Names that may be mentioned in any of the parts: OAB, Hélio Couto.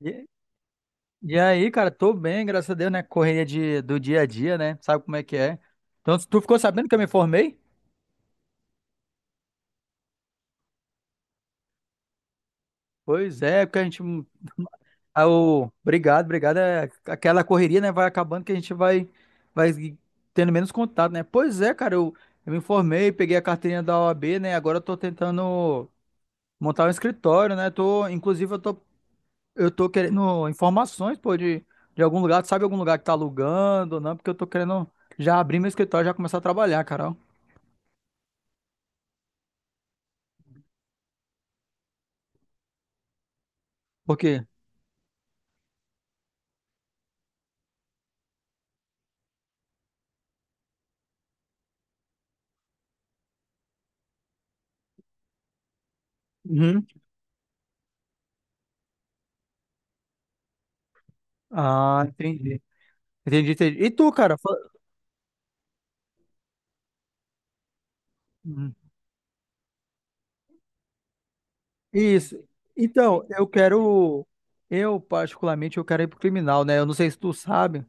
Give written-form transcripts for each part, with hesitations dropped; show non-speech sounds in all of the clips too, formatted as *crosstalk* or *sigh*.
E, e aí, cara, tô bem, graças a Deus, né? Correria do dia a dia, né? Sabe como é que é? Então, tu ficou sabendo que eu me formei? Pois é, porque a gente. *laughs* Ah, obrigado, obrigado. É, aquela correria, né? Vai acabando que a gente vai tendo menos contato, né? Pois é, cara, eu me formei, peguei a carteirinha da OAB, né? Agora eu tô tentando montar um escritório, né? Tô, inclusive, eu tô Eu tô querendo informações, pô, de algum lugar. Tu sabe algum lugar que tá alugando ou não? Porque eu tô querendo já abrir meu escritório e já começar a trabalhar, Carol. Por quê? Uhum. Ah, entendi. Entendi, entendi. E tu, cara? Uhum. Isso. Então, eu quero. Eu, particularmente, eu quero ir pro criminal, né? Eu não sei se tu sabe.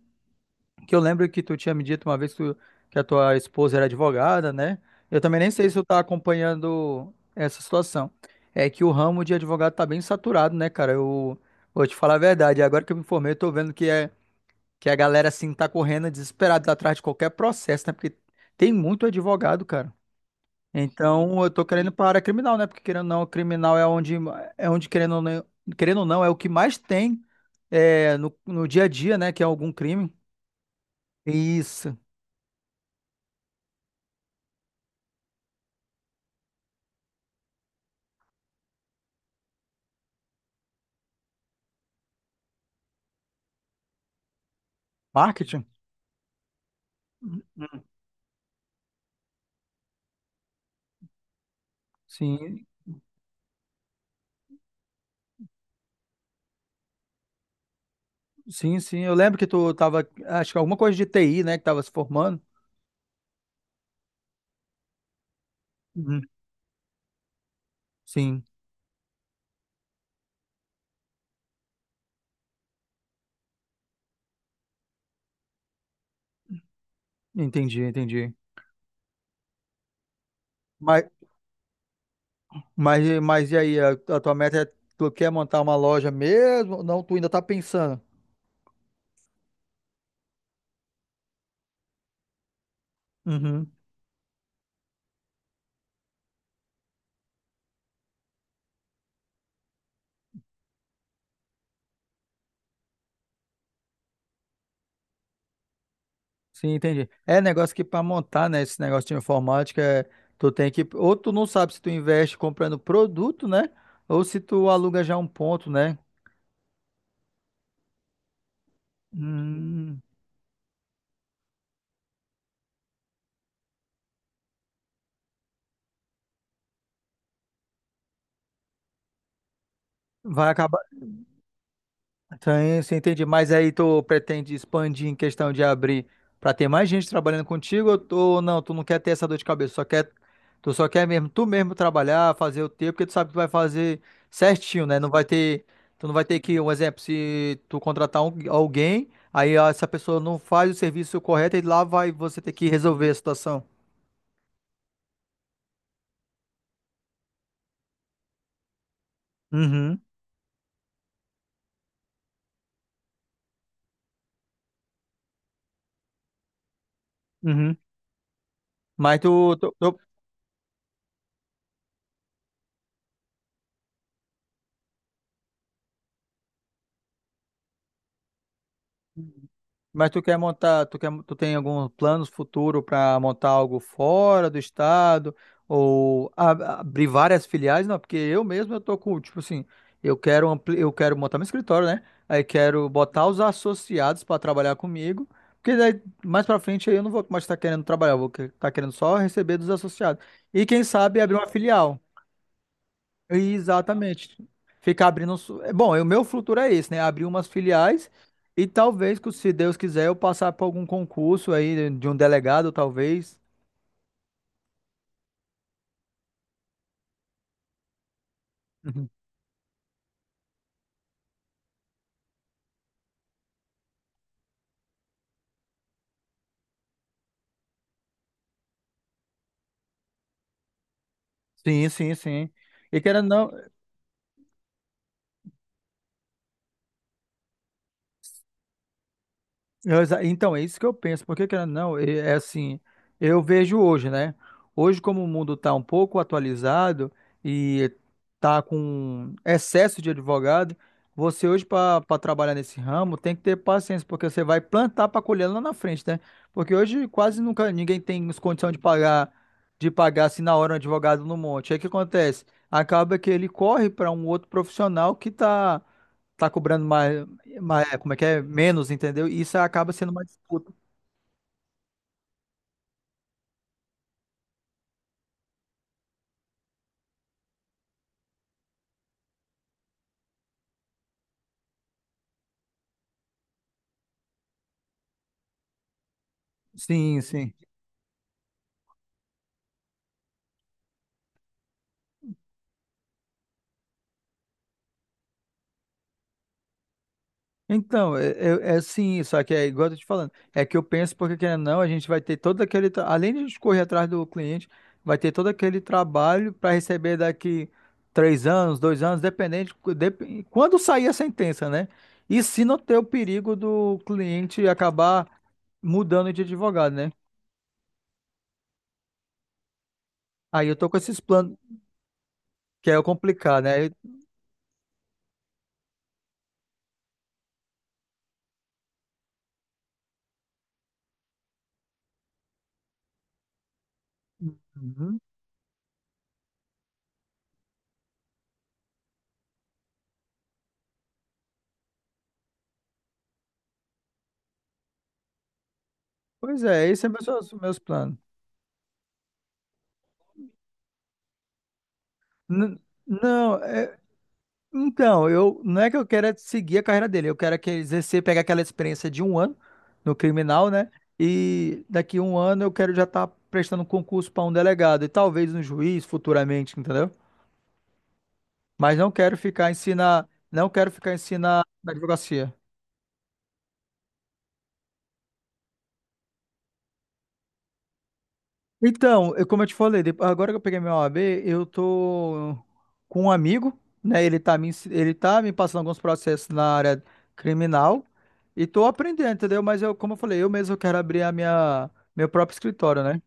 Que eu lembro que tu tinha me dito uma vez que a tua esposa era advogada, né? Eu também nem sei se tu tá acompanhando essa situação. É que o ramo de advogado tá bem saturado, né, cara? Eu vou te falar a verdade. Agora que eu me informei, eu tô vendo que a galera, assim, tá correndo desesperada atrás de qualquer processo, né? Porque tem muito advogado, cara. Então, eu tô querendo para a área criminal, né? Porque, querendo ou não, o criminal é onde querendo ou não, é o que mais tem no dia a dia, né? Que é algum crime. Isso. Marketing? Sim, sim, sim. Eu lembro que tu tava, acho que alguma coisa de TI, né, que tava se formando. Uhum. Sim, entendi, entendi. Mas, mas e aí, a tua meta é, tu quer montar uma loja mesmo? Ou não, tu ainda tá pensando. Uhum. Sim, entendi. É negócio que para montar, né, esse negócio de informática, tu tem que, ou tu não sabe se tu investe comprando produto, né, ou se tu aluga já um ponto, né? Hum, vai acabar. Sim, sim, entendi. Mas aí tu pretende expandir em questão de abrir pra ter mais gente trabalhando contigo ou ou não? Tu não quer ter essa dor de cabeça, tu só quer mesmo, tu mesmo trabalhar, fazer o teu, porque tu sabe que tu vai fazer certinho, né? Tu não vai ter que, um exemplo, se tu contratar alguém, aí ó, essa pessoa não faz o serviço correto e lá vai você ter que resolver a situação. Uhum, uhum. Mas tu, tu, tu Mas tu quer montar, tu tem algum plano futuro para montar algo fora do estado ou abrir várias filiais? Não, porque eu mesmo eu tô com, tipo assim, eu quero montar meu escritório, né? Aí quero botar os associados para trabalhar comigo, porque daí mais para frente aí eu não vou mais estar querendo trabalhar, eu vou estar querendo só receber dos associados. E quem sabe abrir uma filial. Exatamente. Ficar abrindo. Bom, o meu futuro é esse, né? Abrir umas filiais e talvez, que se Deus quiser, eu passar por algum concurso aí de um delegado, talvez. Uhum. Sim, sim, sim. E querendo ou não, então, é isso que eu penso, porque querendo ou não, é assim, eu vejo hoje, né? Hoje, como o mundo está um pouco atualizado e está com excesso de advogado, você hoje, para trabalhar nesse ramo, tem que ter paciência, porque você vai plantar para colher lá na frente, né? Porque hoje quase nunca ninguém tem as condições de pagar assim na hora um advogado no monte. Aí o que acontece? Acaba que ele corre para um outro profissional que está tá tá cobrando mais. Mas é, como é que é? Menos, entendeu? E isso acaba sendo uma disputa. Sim, sim. Então, é sim, só que é igual eu tô te falando. É que eu penso, porque querendo ou não, a gente vai ter todo aquele. Além de a gente correr atrás do cliente, vai ter todo aquele trabalho para receber daqui 3 anos, 2 anos, dependente. Quando sair a sentença, né? E se não ter o perigo do cliente acabar mudando de advogado, né? Aí eu tô com esses planos, que é o complicado, né? Uhum. Pois é, esses são meus planos. N- Não, então, eu não é que eu quero é seguir a carreira dele, eu quero é que ele exercer, pegar aquela experiência de 1 ano no criminal, né? E daqui 1 ano eu quero já estar prestando um concurso para um delegado e talvez um juiz futuramente, entendeu? Mas não quero ficar ensinar, não quero ficar ensinar na advocacia. Então, como eu te falei, agora que eu peguei meu OAB, eu tô com um amigo, né? Ele tá me passando alguns processos na área criminal e tô aprendendo, entendeu? Mas eu, como eu falei, eu mesmo quero abrir meu próprio escritório, né?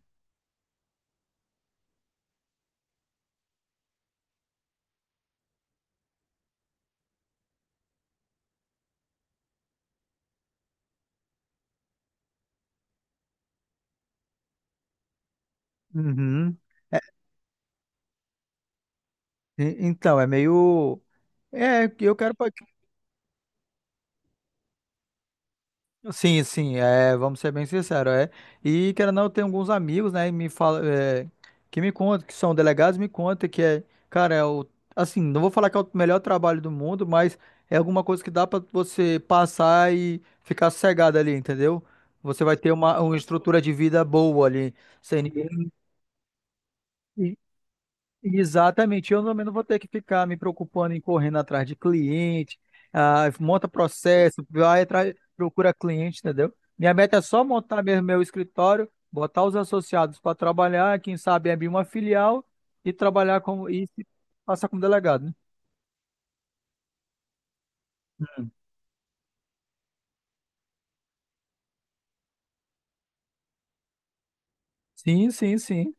Uhum. É, então, é meio. É, eu quero. Sim, sim, é, vamos ser bem sinceros, é. E querendo ou não, eu tenho alguns amigos, né, e me fala, que me contam, que são delegados, me contam cara, é o, assim, não vou falar que é o melhor trabalho do mundo, mas é alguma coisa que dá pra você passar e ficar sossegado ali, entendeu? Você vai ter uma estrutura de vida boa ali, sem ninguém. Exatamente, eu também não vou ter que ficar me preocupando em correndo atrás de cliente, ah, monta processo, vai atrás, procura cliente, entendeu? Minha meta é só montar mesmo meu escritório, botar os associados para trabalhar, quem sabe abrir uma filial e trabalhar como passar como delegado, né? Sim, sim, sim.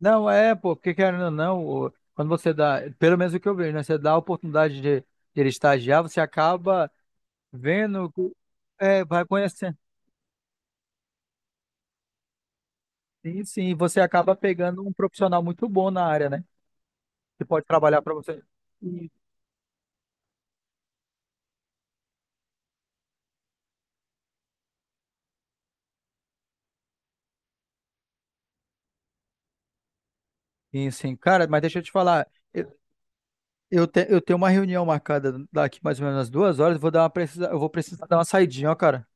Não, é, pô, porque querendo ou não, quando você dá, pelo menos o que eu vejo, né? Você dá a oportunidade de ele estagiar, você acaba vendo, é, vai conhecendo. Sim, sim, você acaba pegando um profissional muito bom na área, né? Que pode trabalhar para você. Sim, sim, sim. Cara, mas deixa eu te falar, eu, eu tenho uma reunião marcada daqui mais ou menos umas 2 horas, vou dar uma precisa, eu vou precisar dar uma saidinha, ó, cara.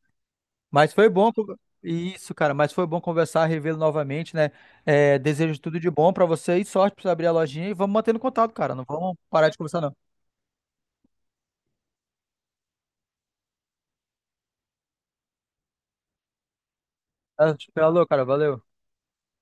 Mas foi bom, con- isso, cara, mas foi bom conversar, revê-lo novamente, né? É, desejo tudo de bom para você e sorte para abrir a lojinha e vamos mantendo contato, cara, não vamos parar de conversar, não. Ah, falou, cara, valeu.